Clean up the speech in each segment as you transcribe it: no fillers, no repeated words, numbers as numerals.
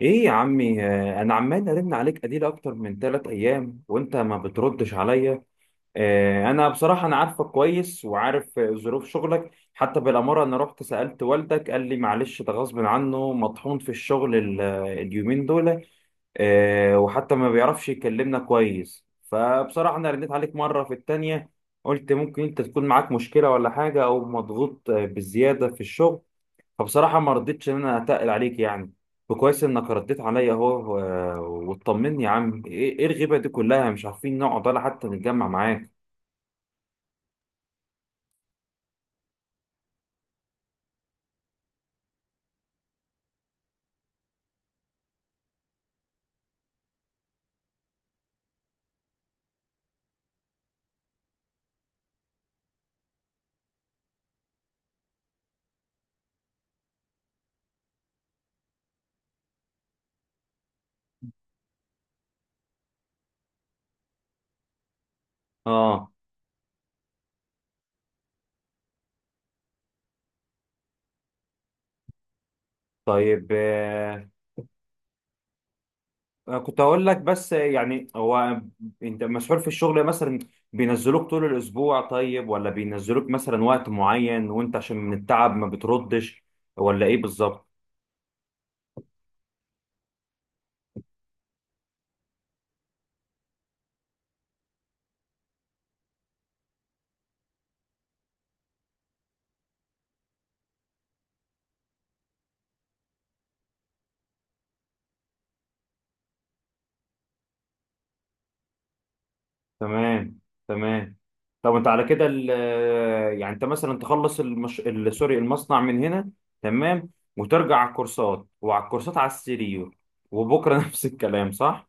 ايه يا عمي، انا عمال ارن عليك اديل اكتر من ثلاث ايام وانت ما بتردش عليا. آه، انا بصراحه انا عارفك كويس وعارف ظروف شغلك، حتى بالاماره انا رحت سالت والدك قال لي معلش ده غصب عنه مطحون في الشغل اليومين دول. وحتى ما بيعرفش يكلمنا كويس. فبصراحه انا رنيت عليك مره في التانية، قلت ممكن انت تكون معاك مشكله ولا حاجه او مضغوط بالزياده في الشغل. فبصراحة ما ردتش إن أنا أتقل عليك يعني. وكويس إنك رديت عليا أهو وطمني يا عم، إيه إيه الغيبة دي كلها؟ مش عارفين نقعد ولا حتى نتجمع معاك. آه. طيب، آه. أنا كنت هقول لك، بس يعني هو أنت مسحول في الشغل مثلا؟ بينزلوك طول الأسبوع طيب، ولا بينزلوك مثلا وقت معين وأنت عشان من التعب ما بتردش، ولا إيه بالظبط؟ تمام، تمام. طب انت على كده يعني انت مثلا تخلص سوري، المصنع من هنا، تمام، وترجع على الكورسات، وعلى الكورسات على السيريو، وبكره نفس الكلام، صح؟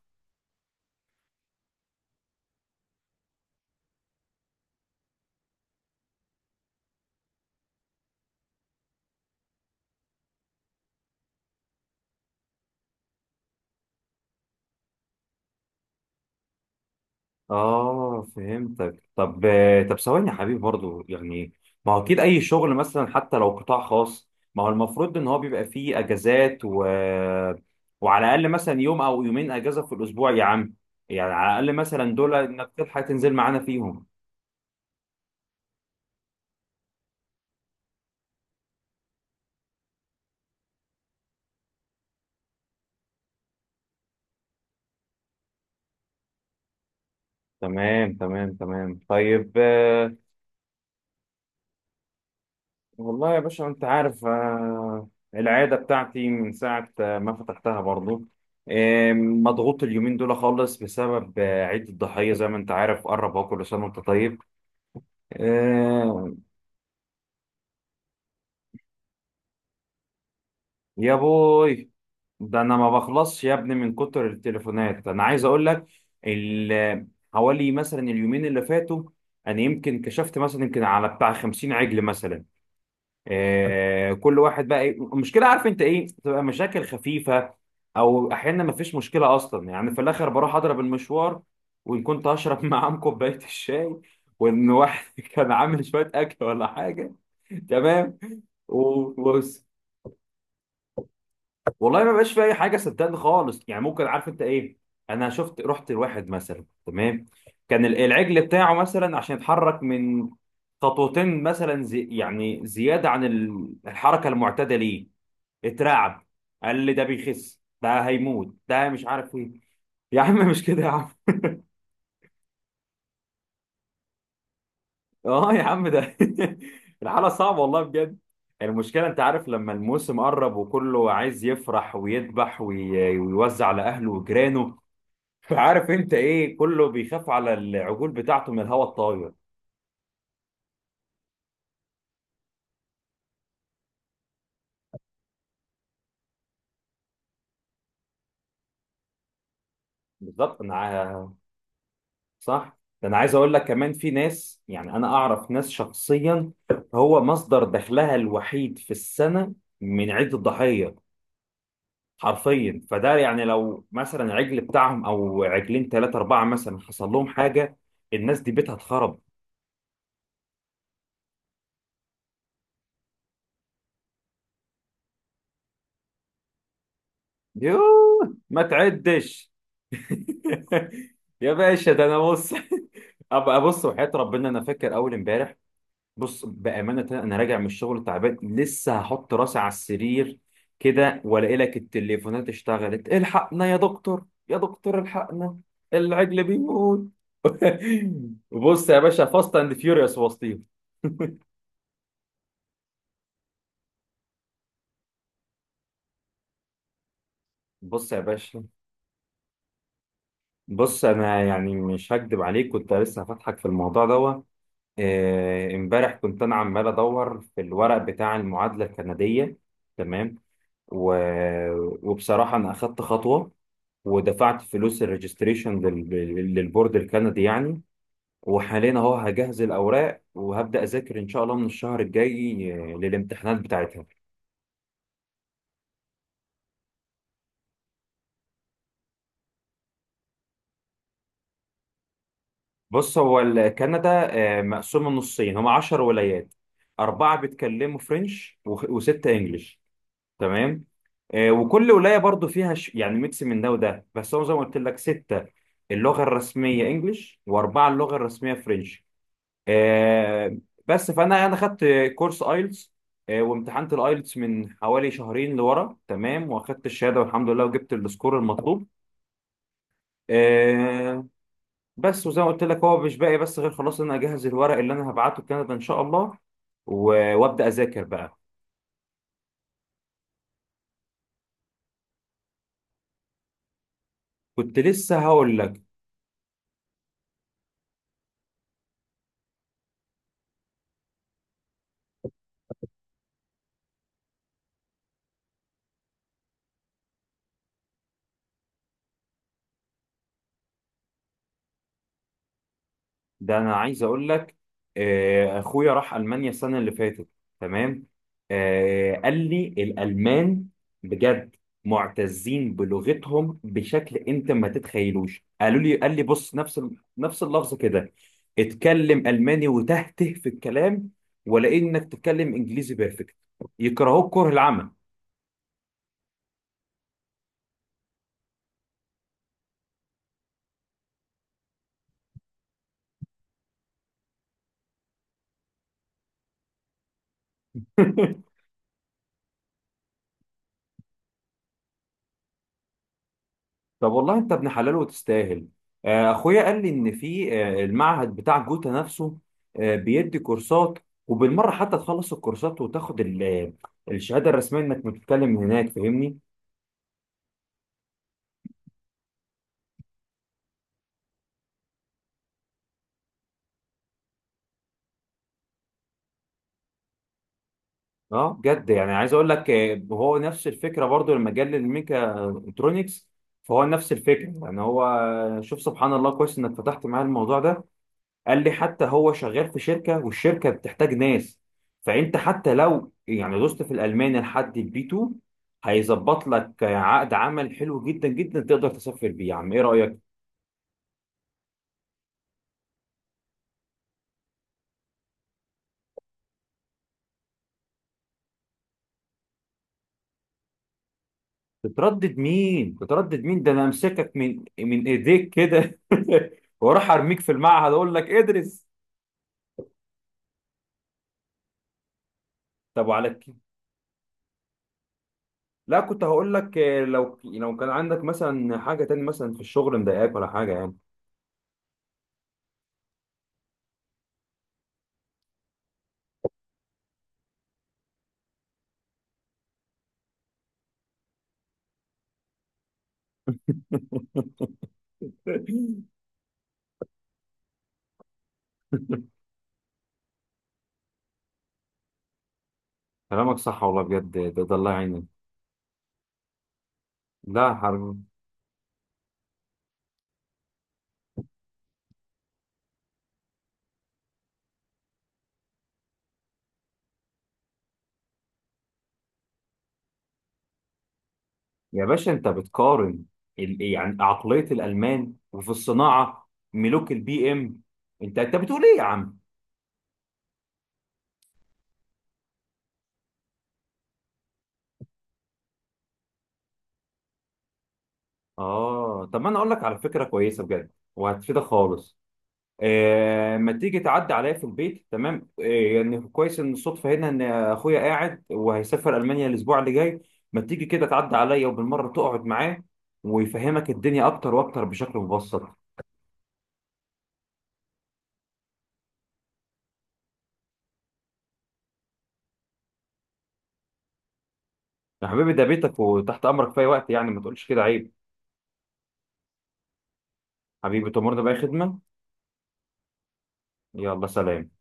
اه، فهمتك. طب، طب ثواني يا حبيبي، برضو يعني ما هو اكيد اي شغل مثلا حتى لو قطاع خاص، ما هو المفروض ان هو بيبقى فيه اجازات و... وعلى الاقل مثلا يوم او يومين اجازه في الاسبوع يا عم. يعني على الاقل مثلا دول انك تلحق تنزل معانا فيهم. تمام، تمام، تمام، طيب. والله يا باشا انت عارف، العادة بتاعتي من ساعة ما فتحتها برضو، مضغوط اليومين دول خالص بسبب عيد الضحية. زي ما انت عارف قرب اهو، كل سنة وانت طيب. آه. يا بوي، ده انا ما بخلصش يا ابني من كتر التليفونات. انا عايز اقول لك ال- حوالي مثلا اليومين اللي فاتوا انا يمكن كشفت مثلا يمكن على بتاع 50 عجل مثلا. كل واحد بقى المشكله عارف انت ايه، بتبقى مشاكل خفيفه او احيانا ما فيش مشكله اصلا. يعني في الاخر بروح اضرب المشوار، وان كنت هشرب معاهم كوبايه الشاي، وان واحد كان عامل شويه اكل ولا حاجه، تمام، وبس. والله ما بقاش في اي حاجه، صدقني خالص. يعني ممكن عارف انت ايه، انا شفت رحت لواحد مثلا، تمام، كان العجل بتاعه مثلا عشان يتحرك من خطوتين مثلا، زي يعني زياده عن الحركه المعتاده ليه، اترعب. قال لي ده بيخس ده هيموت ده مش عارف ايه يا عم مش كده يا عم. اه يا عم ده الحالة صعبة والله بجد. المشكلة انت عارف، لما الموسم قرب وكله عايز يفرح ويذبح ويوزع على اهله وجيرانه، فعارف انت ايه، كله بيخاف على العجول بتاعته من الهواء الطاير. بالظبط. صح، ده انا عايز اقول لك كمان في ناس، يعني انا اعرف ناس شخصيا هو مصدر دخلها الوحيد في السنة من عيد الضحية، حرفيا. فده يعني لو مثلا عجل بتاعهم او عجلين ثلاثة أربعة مثلا حصل لهم حاجة، الناس دي بيتها اتخرب. يوه، ما تعدش يا باشا ده انا بص ابقى ابص، وحياة ربنا انا فاكر اول امبارح، بص بامانه انا راجع من الشغل تعبان لسه هحط راسي على السرير كده، والاقي لك التليفونات اشتغلت، الحقنا يا دكتور يا دكتور الحقنا العجل بيموت بص يا باشا، فاست اند فيوريوس وسطيهم. بص يا باشا بص انا يعني مش هكدب عليك، كنت لسه هفتحك في الموضوع دوت. امبارح كنت انا عمال ادور في الورق بتاع المعادله الكنديه، تمام، و... وبصراحه انا اخدت خطوه ودفعت فلوس الريجستريشن لل... للبورد الكندي يعني. وحاليا اهو هجهز الاوراق وهبدا اذاكر ان شاء الله من الشهر الجاي للامتحانات بتاعتها. بص هو كندا مقسومة نصين، هما 10 ولايات، أربعة بيتكلموا فرنش وستة إنجليش، تمام. وكل ولاية برضو فيها يعني ميكس من ده وده، بس هو زي ما قلت لك ستة اللغة الرسمية إنجليش وأربعة اللغة الرسمية فرنش. آه، بس فأنا خدت كورس آيلتس، وامتحنت الآيلتس من حوالي شهرين لورا، تمام، وأخدت الشهادة والحمد لله وجبت السكور المطلوب. آه، بس وزي ما قلت لك هو مش باقي بس غير خلاص ان انا اجهز الورق اللي انا هبعته لكندا ان شاء الله وابدا اذاكر بقى. كنت لسه هقول لك، ده انا عايز اقول لك اخويا راح المانيا السنه اللي فاتت، تمام. قال لي الالمان بجد معتزين بلغتهم بشكل انت ما تتخيلوش. قالوا لي قال لي بص، نفس نفس اللفظ كده، اتكلم الماني وتهته في الكلام، ولا انك تتكلم انجليزي بيرفكت يكرهوك كره العمى طب والله انت ابن حلال وتستاهل. اخويا قال لي ان في المعهد بتاع جوتا نفسه بيدي كورسات، وبالمره حتى تخلص الكورسات وتاخد الشهاده الرسميه انك بتتكلم هناك، فاهمني. اه بجد، يعني عايز اقول لك، هو نفس الفكره برضو لما جه للميكا الكترونكس، فهو نفس الفكره. يعني هو شوف سبحان الله، كويس انك فتحت معايا الموضوع ده. قال لي حتى هو شغال في شركة، والشركة بتحتاج ناس، فأنت حتى لو يعني دوست في الألماني لحد البي 2، هيظبط لك عقد عمل حلو جدا جدا تقدر تسافر بيه، يا عم إيه رأيك؟ تتردد مين؟ تتردد مين؟ ده أنا أمسكك من إيديك كده وأروح أرميك في المعهد أقول لك ادرس. طب وعلى كده، لا كنت هقول لك، لو كان عندك مثلا حاجة تاني مثلا في الشغل مضايقاك ولا حاجة يعني. كلامك صح والله بجد، ده الله يعينك. لا حرب. يا باشا انت بتقارن يعني عقلية الألمان، وفي الصناعة ملوك البي ام، انت بتقول ايه يا عم؟ اه طب ما انا اقول لك على فكرة كويسة بجد وهتفيدك خالص. ما تيجي تعدي عليا في البيت، تمام؟ يعني كويس ان الصدفة هنا ان اخويا قاعد وهيسافر ألمانيا الاسبوع اللي جاي، ما تيجي كده تعدي عليا وبالمرة تقعد معاه ويفهمك الدنيا اكتر واكتر بشكل مبسط. يا حبيبي ده بيتك وتحت امرك في اي وقت، يعني ما تقولش كده عيب. حبيبي تأمرنا بأي خدمة. يلا سلام.